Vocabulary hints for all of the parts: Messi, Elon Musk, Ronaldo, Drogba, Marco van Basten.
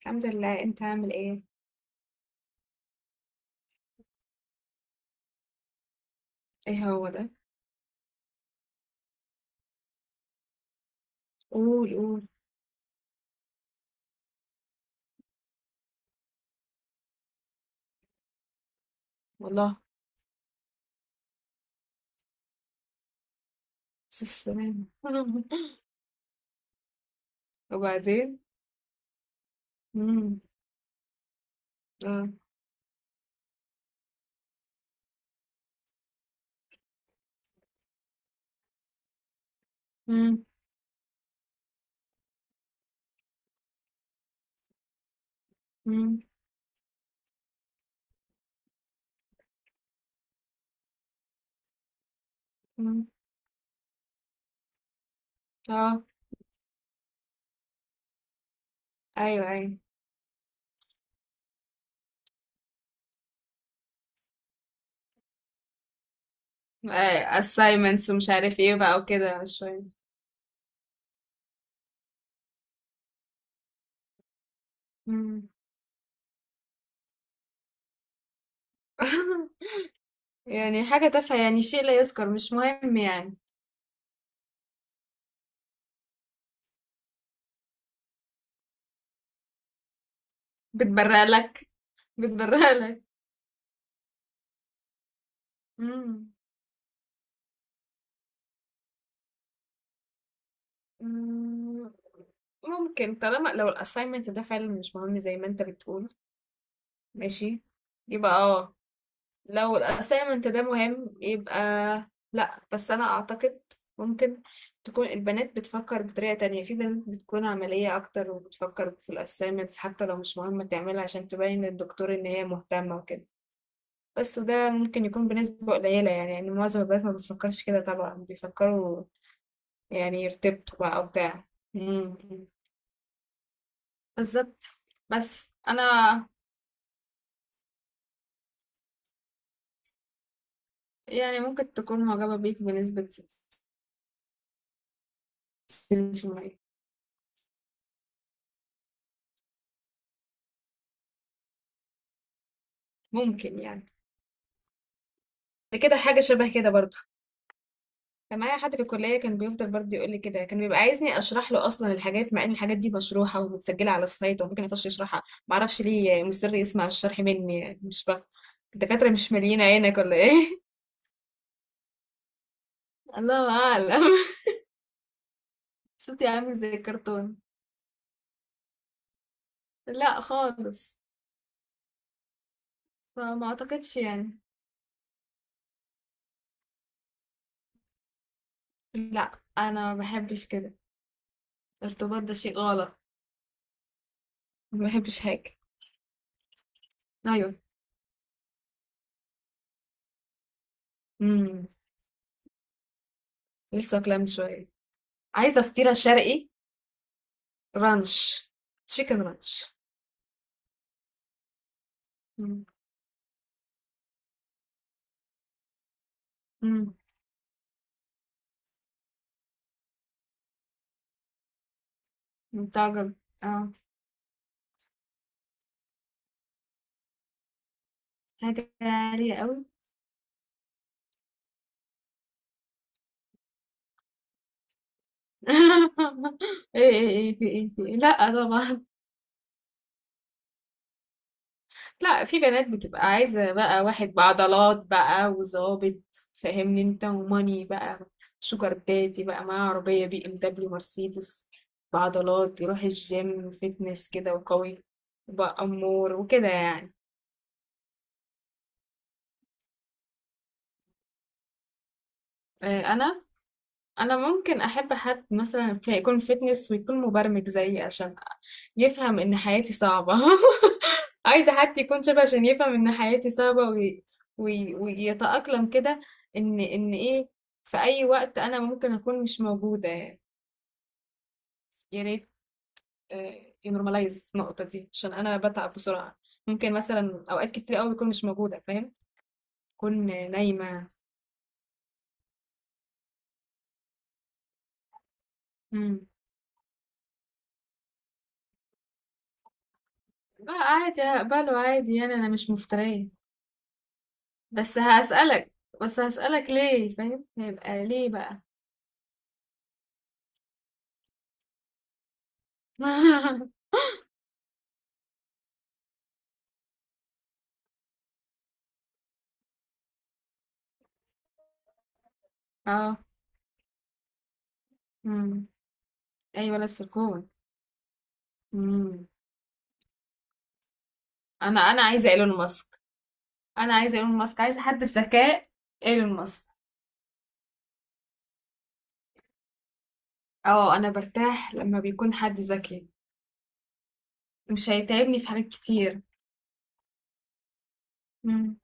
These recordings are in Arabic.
الحمد لله، انت عامل ايه؟ ايه هو ده؟ قول، قول. والله. بس السلامة. وبعدين؟ امم اه. امم امم امم اه. ايوه، ايوه. assignments ومش عارف ايه بقى وكده شوية. مم. يعني حاجة تافهة، يعني شيء لا يذكر، مش مهم يعني. بتبرق لك؟ بتبرق لك. مم. مم. ممكن، طالما لو الاساينمنت ده فعلا مش مهم زي ما انت بتقول. ماشي، يبقى اه. لو الأسايمنت ده مهم يبقى، لأ بس أنا أعتقد ممكن تكون البنات بتفكر بطريقة تانية، في بنات بتكون عملية أكتر وبتفكر في الأسايمنتس حتى لو مش مهمة تعملها عشان تبين للدكتور إن هي مهتمة وكده. بس وده ممكن يكون بنسبة قليلة يعني معظم البنات ما بتفكرش كده، طبعا بيفكروا يعني يرتبطوا بقى أو بتاع. مم. بالظبط. بس أنا، يعني ممكن تكون معجبة بيك بنسبة 60%. ممكن يعني، ده كده حاجة شبه كده برضو. كان معايا حد في الكلية كان بيفضل برضو يقول لي كده، كان بيبقى عايزني اشرح له اصلا الحاجات مع ان الحاجات دي مشروحة ومتسجلة على السايت وممكن يخش يشرحها، معرفش ليه مصر يسمع الشرح مني، يعني مش فاهم. الدكاترة مش مالين عينك ولا ايه؟ الله اعلم. صوتي عامل زي الكرتون. لا خالص، فما اعتقدش يعني. لا انا ما بحبش كده، الارتباط ده شيء غلط، ما بحبش حاجة. ايوه. امم. لسه كلام شوية. عايزة فطيرة شرقي رانش، تشيكن رانش. مم. مم. متعجب. اه. حاجة عالية قوي. ايه ايه ايه في ايه في إيه؟ لا طبعا. لا، في بنات بتبقى عايزة بقى واحد بعضلات بقى وظابط، فاهمني انت وماني بقى. شوجر دادي بقى معاه عربية بي ام دبليو مرسيدس، بعضلات، بيروح الجيم، فتنس كده وقوي، بقى امور وكده يعني. آه، انا انا ممكن احب حد مثلا يكون فيتنس ويكون مبرمج زيي عشان يفهم ان حياتي صعبة. عايزة حد يكون شبه عشان يفهم ان حياتي صعبة ويتأقلم كده. ان ايه، في اي وقت انا ممكن اكون مش موجودة، يا ريت ينورماليز النقطة دي عشان انا بتعب بسرعة، ممكن مثلا اوقات كتير قوي بكون مش موجودة فاهم، اكون نايمة. مم. لا عادي هقبله عادي يعني انا مش مفترية. بس هسألك، بس هسألك ليه فاهم، هيبقى ليه بقى. اه. امم. اي ولد في الكون. امم. انا عايزه ايلون ماسك. انا عايزه ايلون ماسك، عايزه حد بذكاء، ايلون ماسك. اه، انا برتاح لما بيكون حد ذكي، مش هيتعبني في حاجات كتير. امم.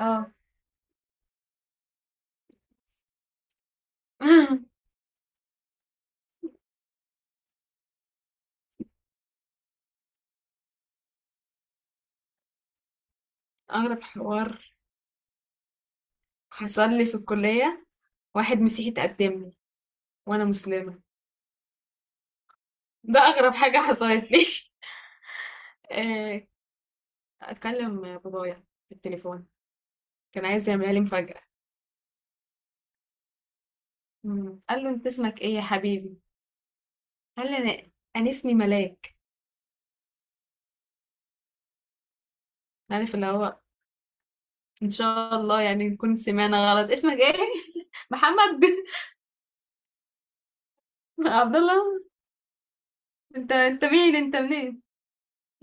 اه. اغرب حوار حصل لي في الكليه، واحد مسيحي تقدم لي وانا مسلمه، ده اغرب حاجه حصلت لي. آه، اتكلم بابايا في التليفون، كان عايز يعملها لي مفاجأة. مم. قال له انت اسمك ايه يا حبيبي؟ قال لي انا اسمي ملاك. عارف اللي هو، ان شاء الله يعني نكون سمعنا غلط، اسمك ايه؟ محمد. عبد الله. انت، انت مين، انت منين،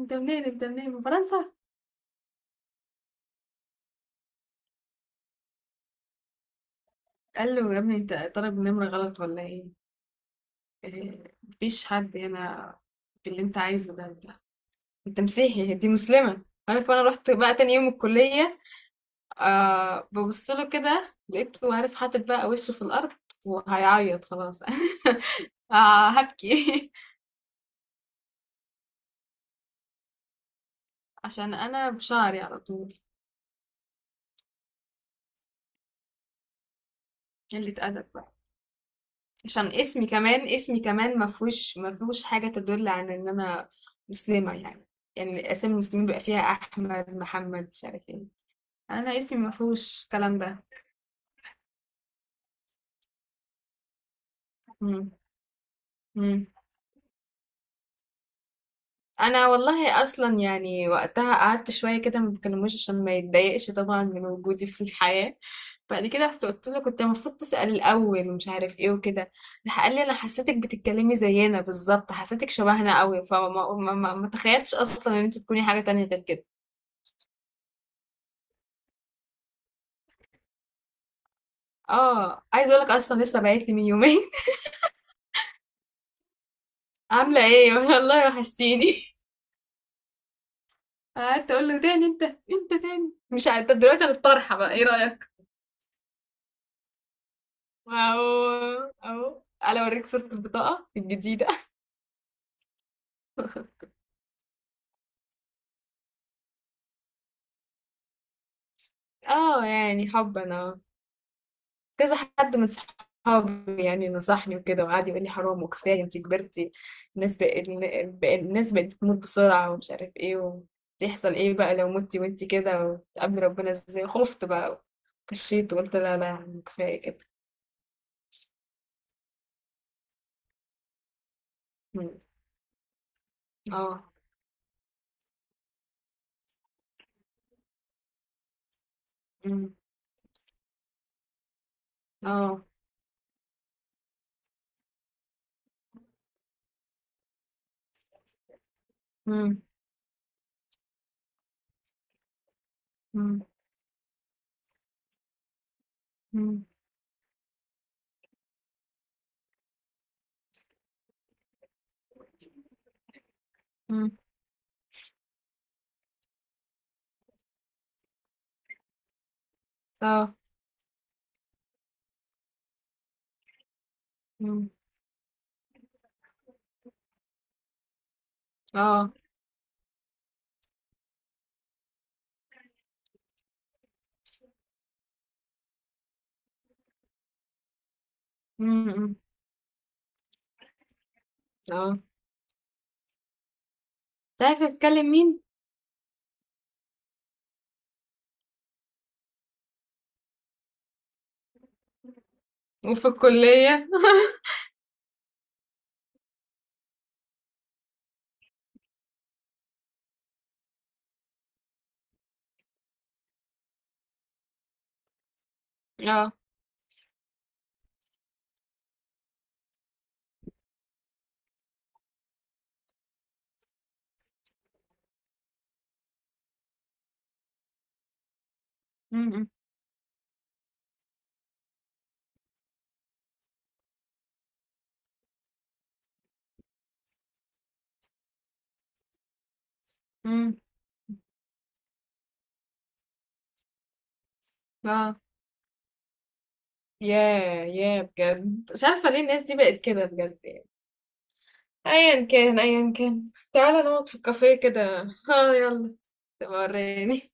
انت منين من فرنسا؟ قال له يا ابني انت طالب نمرة غلط ولا ايه؟ إيه، مفيش حد هنا باللي انت عايزه ده، انت مسيحي دي مسلمة، عارف. انا رحت بقى تاني يوم الكلية، آه ببص له كده، لقيته عارف حاطط بقى وشه في الأرض وهيعيط خلاص. آه هبكي. عشان أنا بشعري على طول، قلة أدب بقى. عشان اسمي كمان ما فيهوش حاجة تدل عن إن أنا مسلمة يعني، يعني أسامي المسلمين بيبقى فيها أحمد محمد مش عارف إيه، أنا اسمي ما فيهوش الكلام ده. مم. مم. انا والله اصلا يعني وقتها قعدت شويه كده ما بكلموش عشان ما يتضايقش طبعا من وجودي في الحياه. بعد كده رحت قلت له كنت المفروض تسال الاول ومش عارف ايه وكده، راح قال لي انا حسيتك بتتكلمي زينا بالظبط، حسيتك شبهنا قوي، فما ما ما ما تخيلتش اصلا ان انت تكوني حاجه تانية غير كده. اه عايزه اقول لك اصلا لسه باعت لي من يومين. عامله ايه والله وحشتيني. قعدت اقول له تاني انت تاني مش عارفه، طب دلوقتي انا الطرحه بقى ايه رايك؟ أهو، أهو، ألا أوريك صورة البطاقة الجديدة. آه، يعني حبًا. آه، كذا حد من صحابي يعني نصحني وكده وقعد يقول لي حرام وكفاية أنتِ كبرتِ، الناس بقت الناس بقت بتموت بسرعة ومش عارف إيه، وتحصل إيه بقى لو متِ وأنتِ كده وتقابلي ربنا إزاي، خُفت بقى وكشيت وقُلت لا، لا، يعني كفاية كده. إمم. آه. إمم. آه. إمم. إمم. إمم. إمم. آه. إمم. آه. إمم. إمم. آه. عارف بتكلم مين. وفي الكلية. اه. امم. امم. اه. ياه، ياه، بجد مش عارفة ليه الناس دي بقت كده بجد يعني، ايا كان، تعالى نقعد في الكافيه كده. اه يلا. تبقى وريني.